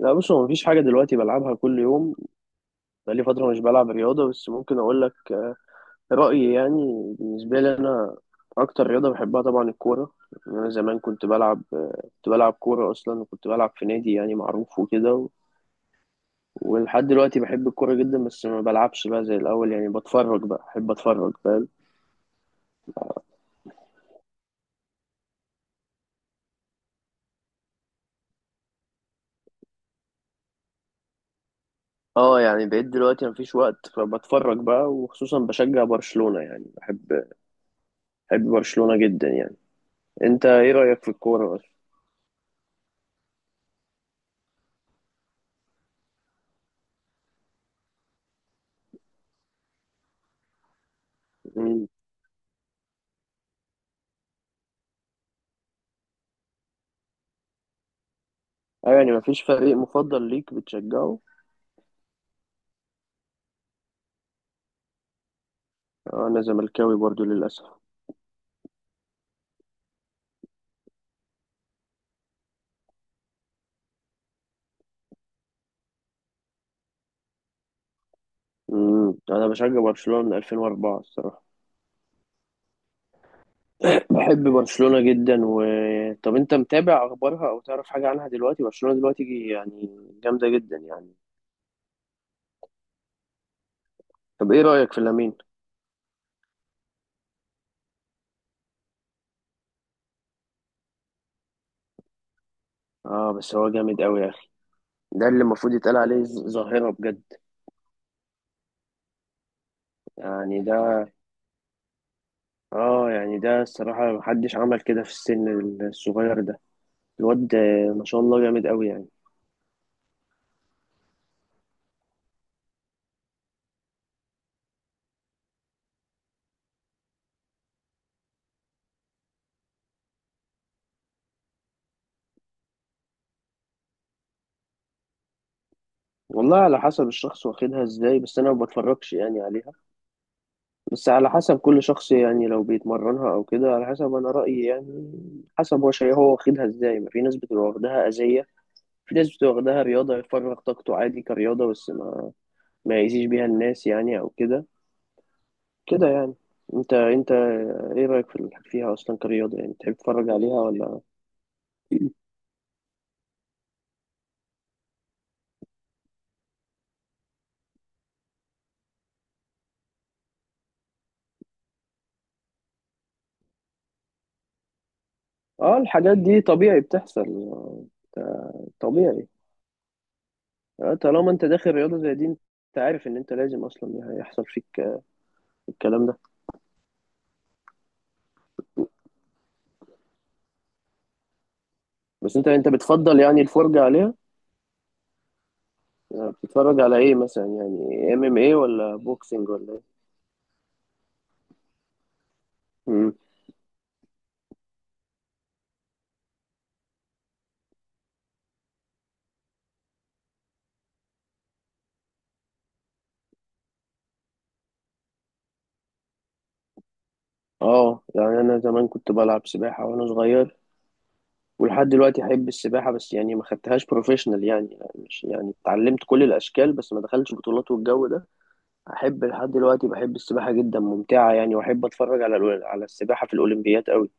لا، بص، هو مفيش حاجة دلوقتي بلعبها كل يوم. بقالي فترة مش بلعب رياضة، بس ممكن أقول لك رأيي، يعني بالنسبة لي أنا. أكتر رياضة بحبها طبعا الكورة. أنا زمان كنت بلعب كورة أصلا، وكنت بلعب في نادي يعني معروف وكده. ولحد دلوقتي بحب الكورة جدا، بس ما بلعبش بقى زي الأول، يعني بتفرج بقى، بحب أتفرج، فاهم؟ اه، يعني بقيت دلوقتي مفيش وقت، فبتفرج بقى، وخصوصا بشجع برشلونة، يعني بحب برشلونة جدا يعني. أنت إيه رأيك في الكورة أصلا؟ أيوة، يعني مفيش فريق مفضل ليك بتشجعه؟ آه، أنا زملكاوي برضو للأسف. مم. أنا بشجع برشلونة من 2004 الصراحة. بحب برشلونة جدا و... طب أنت متابع أخبارها أو تعرف حاجة عنها دلوقتي؟ برشلونة دلوقتي يعني، جامدة جدا يعني. طب إيه رأيك في لامين؟ آه، بس هو جامد أوي يا أخي. ده اللي المفروض يتقال عليه ظاهرة بجد. يعني ده... آه، يعني ده الصراحة محدش عمل كده في السن الصغير ده، الواد. ما شاء الله، جامد أوي يعني. والله على حسب الشخص واخدها ازاي، بس انا ما بتفرجش يعني عليها. بس على حسب كل شخص، يعني لو بيتمرنها او كده، على حسب، انا رأيي يعني. حسب هو شيء، هو واخدها ازاي، ما في ناس بتبقى واخدها أذية. في ناس بتبقى واخدها رياضة يفرغ طاقته عادي كرياضة، بس ما يأذيش بيها الناس يعني او كده. كده يعني. انت ايه رأيك فيها اصلا كرياضة، يعني تحب تتفرج عليها ولا... اه، الحاجات دي طبيعي بتحصل. آه، طبيعي. طالما انت داخل رياضة زي دي، انت عارف ان انت لازم اصلا هيحصل فيك الكلام ده. بس انت بتفضل يعني الفرجة عليها. يعني بتتفرج على ايه مثلا، يعني ام ام ايه ولا بوكسنج ولا ايه؟ مم. اه، يعني انا زمان كنت بلعب سباحة وانا صغير. ولحد دلوقتي احب السباحة، بس يعني ما خدتهاش بروفيشنال، يعني مش يعني اتعلمت كل الاشكال، بس ما دخلتش بطولات والجو ده. احب لحد دلوقتي، بحب السباحة جدا، ممتعة يعني، واحب اتفرج على السباحة في الاولمبيات قوي.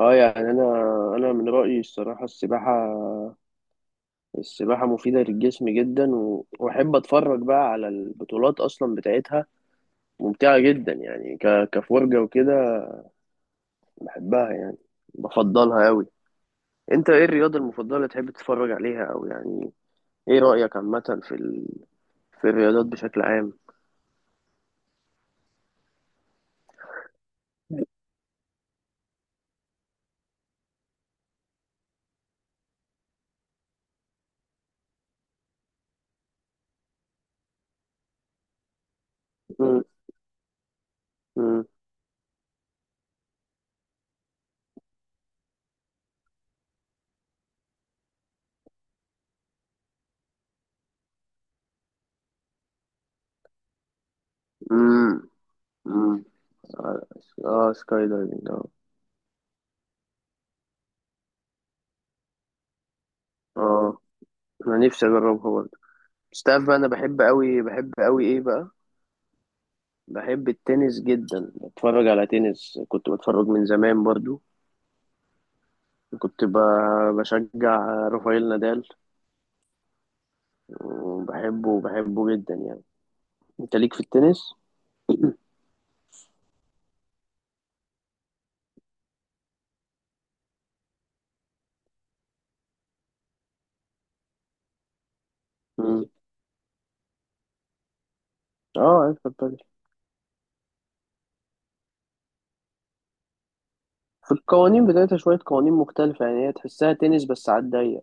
اه، يعني انا من رايي الصراحه السباحه. السباحه مفيده للجسم جدا، واحب اتفرج بقى على البطولات اصلا بتاعتها. ممتعه جدا يعني، كفرجه وكده. بحبها يعني. بفضلها قوي. انت ايه الرياضه المفضله اللي تحب تتفرج عليها، او يعني ايه رايك عامه في الرياضات بشكل عام؟ مم. مم. مم. مم. اه، سكاي دايفنج، اه. اه، انا نفسي اجربها برضه. بس تعرف بقى، انا بحب قوي، بحب قوي ايه بقى، بحب التنس جدا، بتفرج على تنس، كنت بتفرج من زمان برضو. كنت بشجع رافائيل نادال. وبحبه جدا يعني. انت ليك في التنس؟ مم. اه، عارف البادل. في القوانين بتاعتها شوية قوانين مختلفة، يعني هي تحسها تنس بس على الضيق.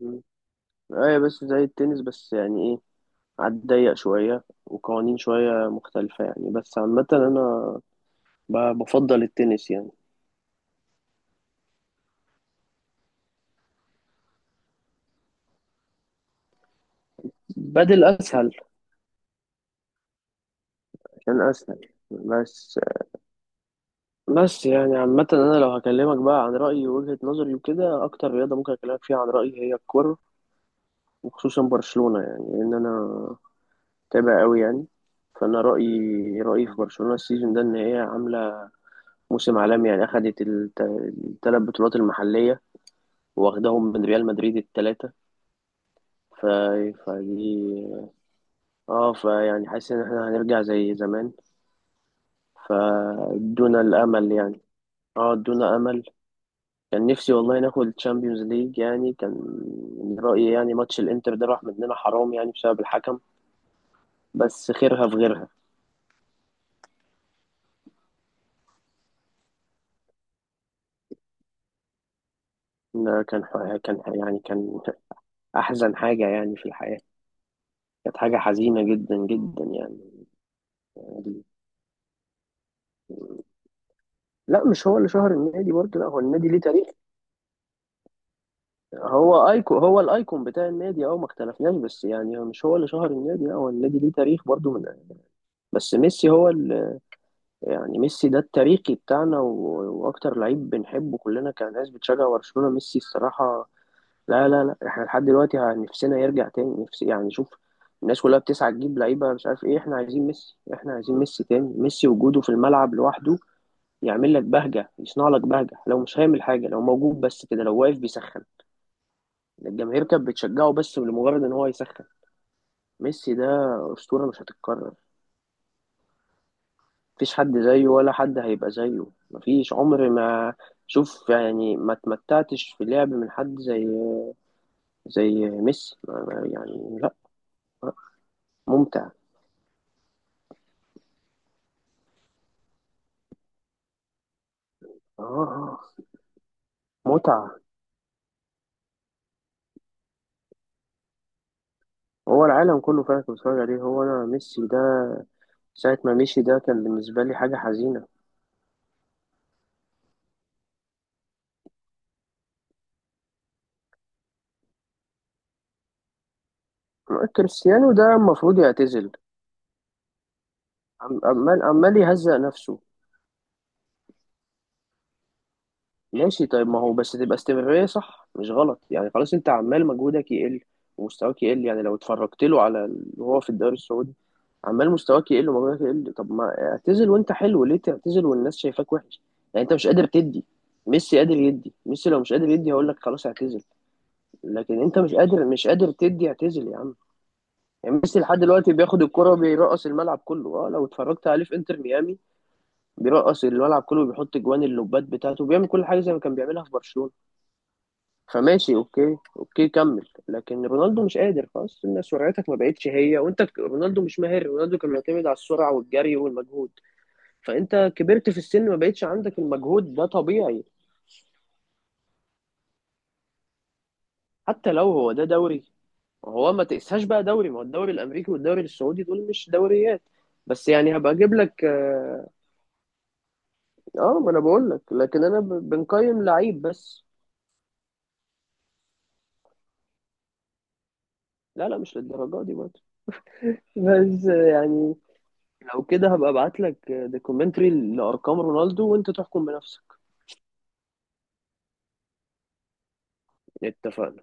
مم. ايوه، بس زي التنس بس، يعني ايه، على الضيق شوية وقوانين شوية مختلفة يعني، بس عامة أنا بفضل التنس يعني. بدل أسهل. عشان أسهل بس. بس يعني عامة أنا لو هكلمك بقى عن رأيي ووجهة نظري وكده، أكتر رياضة ممكن أكلمك فيها عن رأيي هي الكورة. وخصوصا برشلونة، يعني لأن أنا متابع أوي يعني. فأنا رأيي في برشلونة السيزون ده إن هي عاملة موسم عالمي، يعني أخدت التلات بطولات المحلية، واخداهم من ريال مدريد التلاتة. ف... فدي... اه، فيعني حاسس إن احنا هنرجع زي زمان. فادونا الأمل يعني. اه، ادونا أمل. كان نفسي والله ناخد الشامبيونز ليج، يعني كان. من رأيي يعني، ماتش الانتر ده راح مننا، حرام، يعني بسبب الحكم. بس خيرها في غيرها. إن كان يعني، كان احزن حاجة يعني في الحياة. كانت حاجة حزينة جدا جدا يعني. لا، مش هو اللي شهر النادي برضه، لا، هو النادي ليه تاريخ. هو ايكون، هو الايكون بتاع النادي، اه، ما اختلفناش، بس يعني مش هو اللي شهر النادي، لا، هو النادي ليه تاريخ برضه من... بس ميسي هو اللي... يعني ميسي ده التاريخي بتاعنا، واكتر لعيب بنحبه كلنا كناس بتشجع برشلونة ميسي الصراحة. لا، لا، لا، احنا لحد دلوقتي نفسنا يرجع تاني، نفسي يعني، شوف. الناس كلها بتسعى تجيب لعيبة مش عارف ايه، احنا عايزين ميسي، احنا عايزين ميسي تاني، ميسي وجوده في الملعب لوحده. يعمل لك بهجة، يصنع لك بهجة، لو مش هيعمل حاجة، لو موجود بس كده، لو واقف بيسخن. الجماهير كانت بتشجعه بس لمجرد ان هو يسخن. ميسي ده أسطورة مش هتتكرر. مفيش حد زيه، ولا حد هيبقى زيه، مفيش عمر ما... شوف يعني، ما تمتعتش في اللعب من حد زي ميسي، يعني لا. لا. ممتع. اه، آه، متعة. هو العالم كله فعلا كان بيتفرج عليه، هو انا ميسي ده... ساعة ما مشي ده كان بالنسبة لي حاجة حزينة. كريستيانو ده المفروض يعتزل. عمال يهزق نفسه. ماشي، طيب، ما هو بس تبقى استمرارية صح مش غلط، يعني خلاص انت عمال مجهودك يقل ومستواك يقل، يعني لو اتفرجت له وهو في الدوري السعودي. عمال مستواك يقل ومجهودك يقل، طب ما اعتزل وانت حلو، ليه تعتزل والناس شايفاك وحش؟ يعني انت مش قادر تدي. ميسي قادر يدي، ميسي لو مش قادر يدي هقول لك خلاص اعتزل. لكن انت مش قادر، مش قادر تدي، اعتزل يا عم. يعني ميسي لحد دلوقتي بياخد الكرة وبيرقص الملعب كله، اه لو اتفرجت عليه في انتر ميامي، بيرقص الملعب كله، وبيحط جوان اللوبات بتاعته، وبيعمل كل حاجة زي ما كان بيعملها في برشلونة. فماشي، اوكي، اوكي، كمل، لكن رونالدو مش قادر خلاص، ان سرعتك ما بقتش هي، وانت رونالدو مش ماهر، رونالدو كان معتمد على السرعه والجري والمجهود. فانت كبرت في السن، ما بقتش عندك المجهود، ده طبيعي. حتى لو هو ده دوري، هو ما تقساش بقى دوري، ما هو الدوري الامريكي والدوري السعودي دول مش دوريات. بس يعني هبقى اجيب لك، اه. آه، ما انا بقول لك، لكن انا بنقيم لعيب بس. لا، لا، مش للدرجه دي برضه. بس يعني، لو كده هبقى ابعت لك دوكيومنتري لارقام رونالدو وانت تحكم بنفسك. اتفقنا.